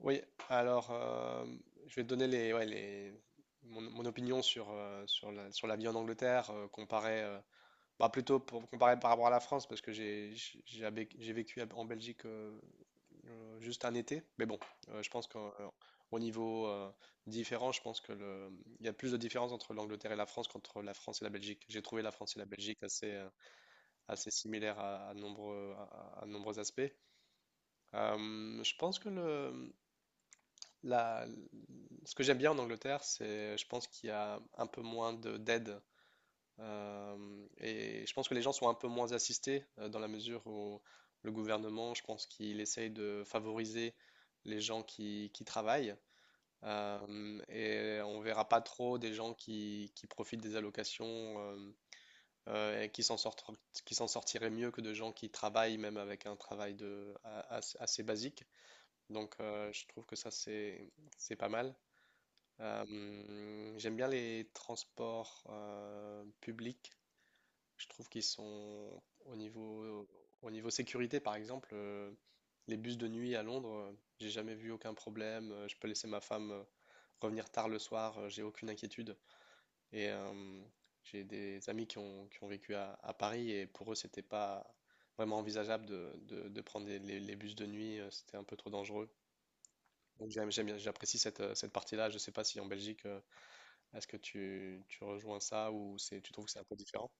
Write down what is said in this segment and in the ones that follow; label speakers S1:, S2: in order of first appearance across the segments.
S1: Oui, alors je vais te donner les, ouais, les, mon opinion sur, sur la vie en Angleterre, comparée, bah, plutôt pour comparer par rapport à la France, parce que j'ai vécu en Belgique, juste un été. Mais bon, je pense qu'au au niveau, différent, je pense que le, il y a plus de différence entre l'Angleterre et la France qu'entre la France et la Belgique. J'ai trouvé la France et la Belgique assez similaires à nombreux aspects. Je pense que le, la- Ce que j'aime bien en Angleterre, je pense qu'il y a un peu moins de d'aide, et je pense que les gens sont un peu moins assistés, dans la mesure où le gouvernement, je pense qu'il essaye de favoriser les gens qui travaillent, et on verra pas trop des gens qui profitent des allocations, et qui s'en sortent, qui s'en sortiraient mieux que de gens qui travaillent même avec un travail assez basique. Donc, je trouve que ça c'est pas mal. J'aime bien les transports, publics. Je trouve qu'ils sont au niveau sécurité, par exemple, les bus de nuit à Londres, j'ai jamais vu aucun problème. Je peux laisser ma femme, revenir tard le soir, j'ai aucune inquiétude. Et j'ai des amis qui ont vécu à Paris, et pour eux, c'était pas vraiment envisageable de prendre les bus de nuit, c'était un peu trop dangereux. Donc j'apprécie cette partie-là. Je sais pas si en Belgique. Est-ce que tu rejoins ça ou tu trouves que c'est un peu différent?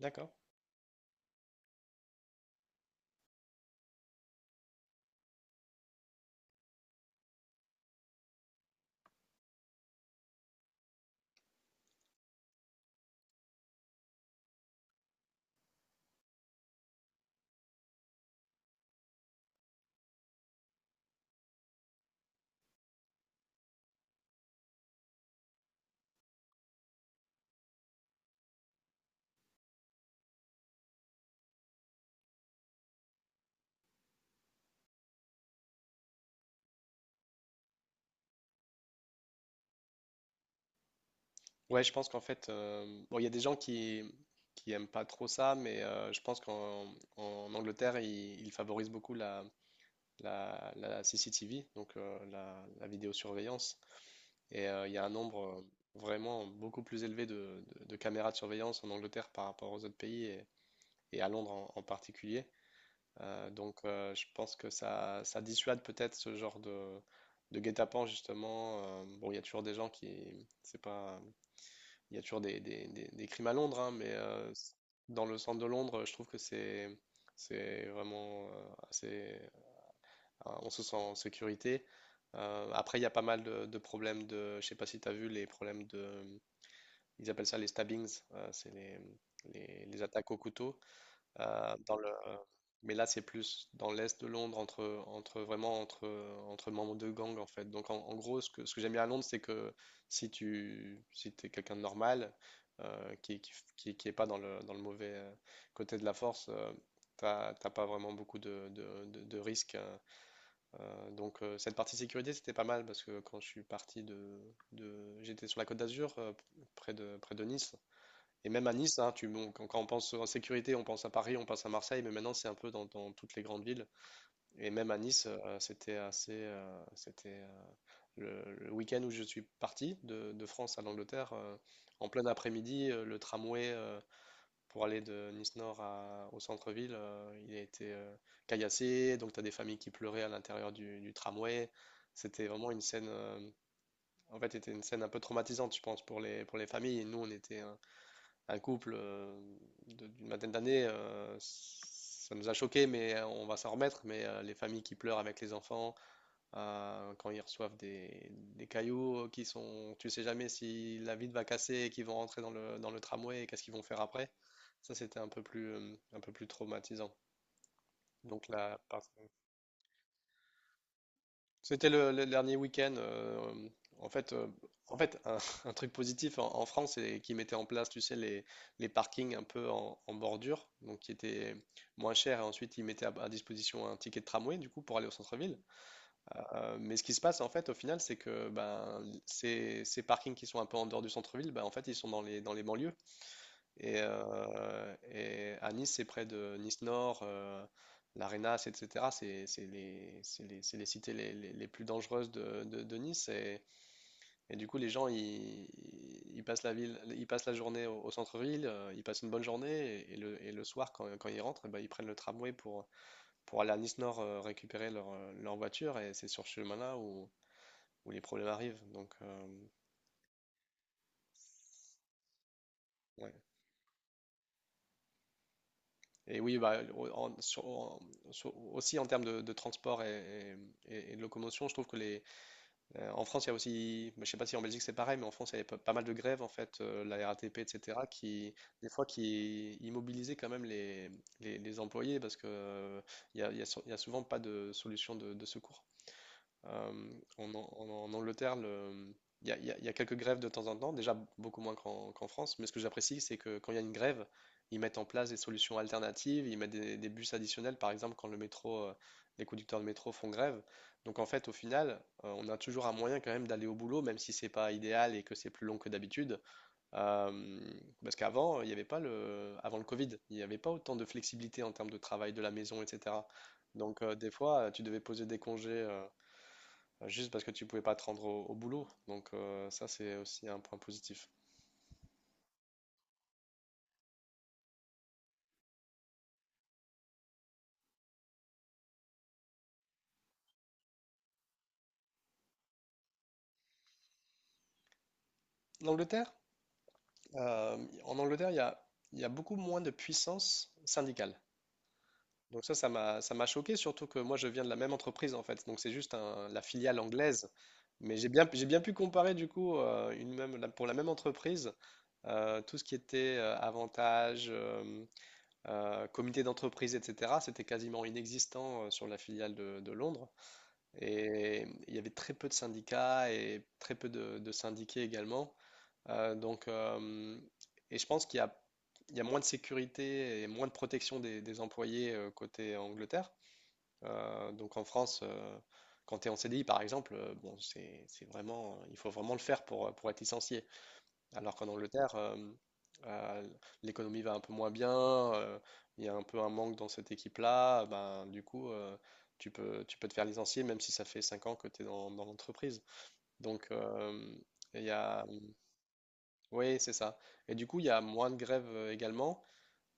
S1: D'accord. Ouais, je pense qu'en fait, bon, il y a des gens qui aiment pas trop ça, mais je pense qu'en en Angleterre, ils favorisent beaucoup la CCTV, donc, la vidéosurveillance. Et il y a un nombre, vraiment beaucoup plus élevé de caméras de surveillance en Angleterre par rapport aux autres pays et à Londres en particulier. Donc, je pense que ça dissuade peut-être ce genre de guet-apens justement. Bon, il y a toujours des gens qui. C'est pas, Il y a toujours des crimes à Londres, hein, mais dans le centre de Londres, je trouve que c'est vraiment, assez. Ah, on se sent en sécurité. Après, il y a pas mal de problèmes de. Je sais pas si tu as vu les problèmes de. Ils appellent ça les stabbings, c'est les attaques au couteau. Euh, dans le, mais là, c'est plus dans l'est de Londres, entre membres de gang en fait. Donc en gros, ce que j'aime bien à Londres, c'est que si t'es quelqu'un de normal, qui est pas dans le mauvais, côté de la force, t'as pas vraiment beaucoup de risques, hein. Donc, cette partie sécurité, c'était pas mal parce que quand je suis parti j'étais sur la Côte d'Azur, près de Nice. Et même à Nice, hein, quand on pense en sécurité, on pense à Paris, on pense à Marseille, mais maintenant c'est un peu dans toutes les grandes villes. Et même à Nice, c'était, le week-end où je suis parti de France à l'Angleterre, en plein après-midi, le tramway, pour aller de Nice Nord au centre-ville, il a été, caillassé. Donc tu as des familles qui pleuraient à l'intérieur du tramway. C'était vraiment une scène, en fait, c'était une scène un peu traumatisante, je pense, pour les familles. Et nous, on était, un couple, d'une vingtaine d'années, ça nous a choqués, mais on va s'en remettre. Mais les familles qui pleurent avec les enfants, quand ils reçoivent des cailloux, qui sont, tu sais jamais si la vitre va casser et qu'ils vont rentrer dans le tramway et qu'est-ce qu'ils vont faire après. Ça, c'était un peu plus traumatisant. Donc là, par- C'était le dernier week-end. En fait, euh, en fait un, un truc positif en France, c'est qu'ils mettaient en place, tu sais, les parkings un peu en bordure, donc qui étaient moins chers. Et ensuite, ils mettaient à disposition un ticket de tramway, du coup, pour aller au centre-ville. Mais ce qui se passe, en fait, au final, c'est que ben, ces parkings qui sont un peu en dehors du centre-ville, ben, en fait, ils sont dans les banlieues. Et à Nice, c'est près de Nice Nord, l'Arenas, etc. C'est les cités les plus dangereuses de Nice. Et du coup, les gens, ils passent la ville, ils passent la journée au centre-ville, ils passent une bonne journée. Et le soir, quand ils rentrent, eh ben, ils prennent le tramway pour aller à Nice Nord, récupérer leur voiture. Et c'est sur ce chemin-là où les problèmes arrivent. Donc, ouais. Et oui, bah, aussi en termes de transport et de locomotion, je trouve que en France, il y a aussi, bah, je sais pas si en Belgique c'est pareil, mais en France, il y avait pas, pas mal de grèves en fait, la RATP, etc., qui des fois qui immobilisaient quand même les employés parce que, il y a sou- il y a souvent pas de solution de secours. Euh, en Angleterre, le- il y a, il y a- il y a quelques grèves de temps en temps, déjà beaucoup moins qu'en France, mais ce que j'apprécie, c'est que quand il y a une grève, ils mettent en place des solutions alternatives, ils mettent des bus additionnels, par exemple quand les conducteurs de métro font grève. Donc en fait, au final, on a toujours un moyen quand même d'aller au boulot, même si c'est pas idéal et que c'est plus long que d'habitude. Euh, Parce qu'avant, il n'y avait pas le, avant le Covid, il n'y avait pas autant de flexibilité en termes de travail de la maison, etc. Donc, des fois, tu devais poser des congés, juste parce que tu pouvais pas te rendre au boulot. Donc, ça, c'est aussi un point positif. L'Angleterre, euh, En Angleterre, il y a beaucoup moins de puissance syndicale. Donc ça, ça m'a choqué, surtout que moi, je viens de la même entreprise, en fait. Donc c'est juste la filiale anglaise. Mais j'ai bien pu comparer, du coup, pour la même entreprise, tout ce qui était, avantages, comité d'entreprise, etc., c'était quasiment inexistant, sur la filiale de Londres. Et il y avait très peu de syndicats et très peu de syndiqués également. Euh, donc, euh, et je pense qu'il y a moins de sécurité et moins de protection des employés, côté Angleterre. Donc en France, quand tu es en CDI par exemple, bon, il faut vraiment le faire pour être licencié. Alors qu'en Angleterre, euh, l'économie va un peu moins bien, euh, il y a un peu un manque dans cette équipe-là, ben, du coup, tu peux te faire licencier même si ça fait 5 ans que tu es dans l'entreprise. Donc, il y a. Oui, c'est ça. Et du coup, il y a moins de grèves, également.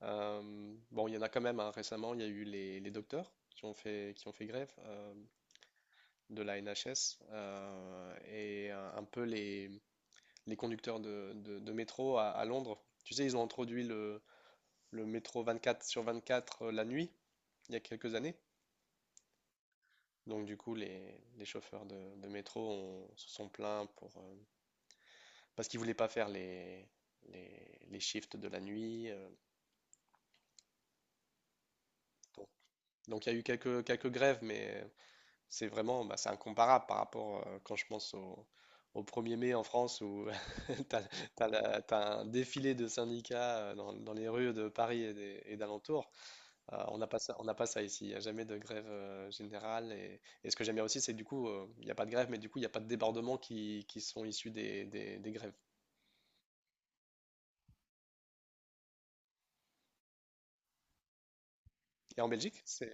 S1: Bon, il y en a quand même, hein. Récemment, il y a eu les docteurs qui ont fait grève, de la NHS, et un peu les conducteurs de métro à Londres. Tu sais, ils ont introduit le métro 24 sur 24, la nuit, il y a quelques années. Donc du coup, les chauffeurs de métro se sont plaints parce qu'ils voulaient pas faire les shifts de la nuit. Donc, donc il y a eu quelques grèves, mais c'est incomparable par rapport, quand je pense au 1er mai en France où t'as, t'as un défilé de syndicats, dans les rues de Paris et d'alentours. On n'a pas ça, on n'a pas ça ici. Il n'y a jamais de grève, générale. Et ce que j'aime bien aussi, c'est que du coup, il n'y a pas de grève, mais du coup, il n'y a pas de débordements qui sont issus des grèves. Et en Belgique, c'est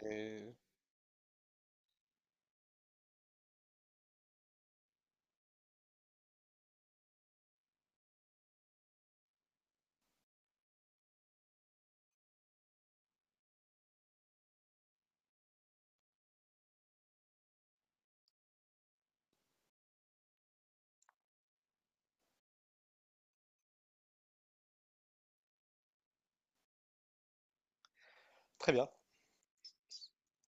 S1: très bien.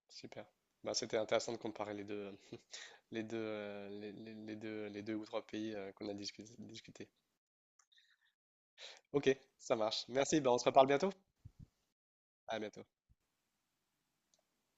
S1: Super. Bah, c'était intéressant de comparer les deux ou trois pays, qu'on a discuté. Ok, ça marche. Merci. Bah, on se reparle bientôt. À bientôt.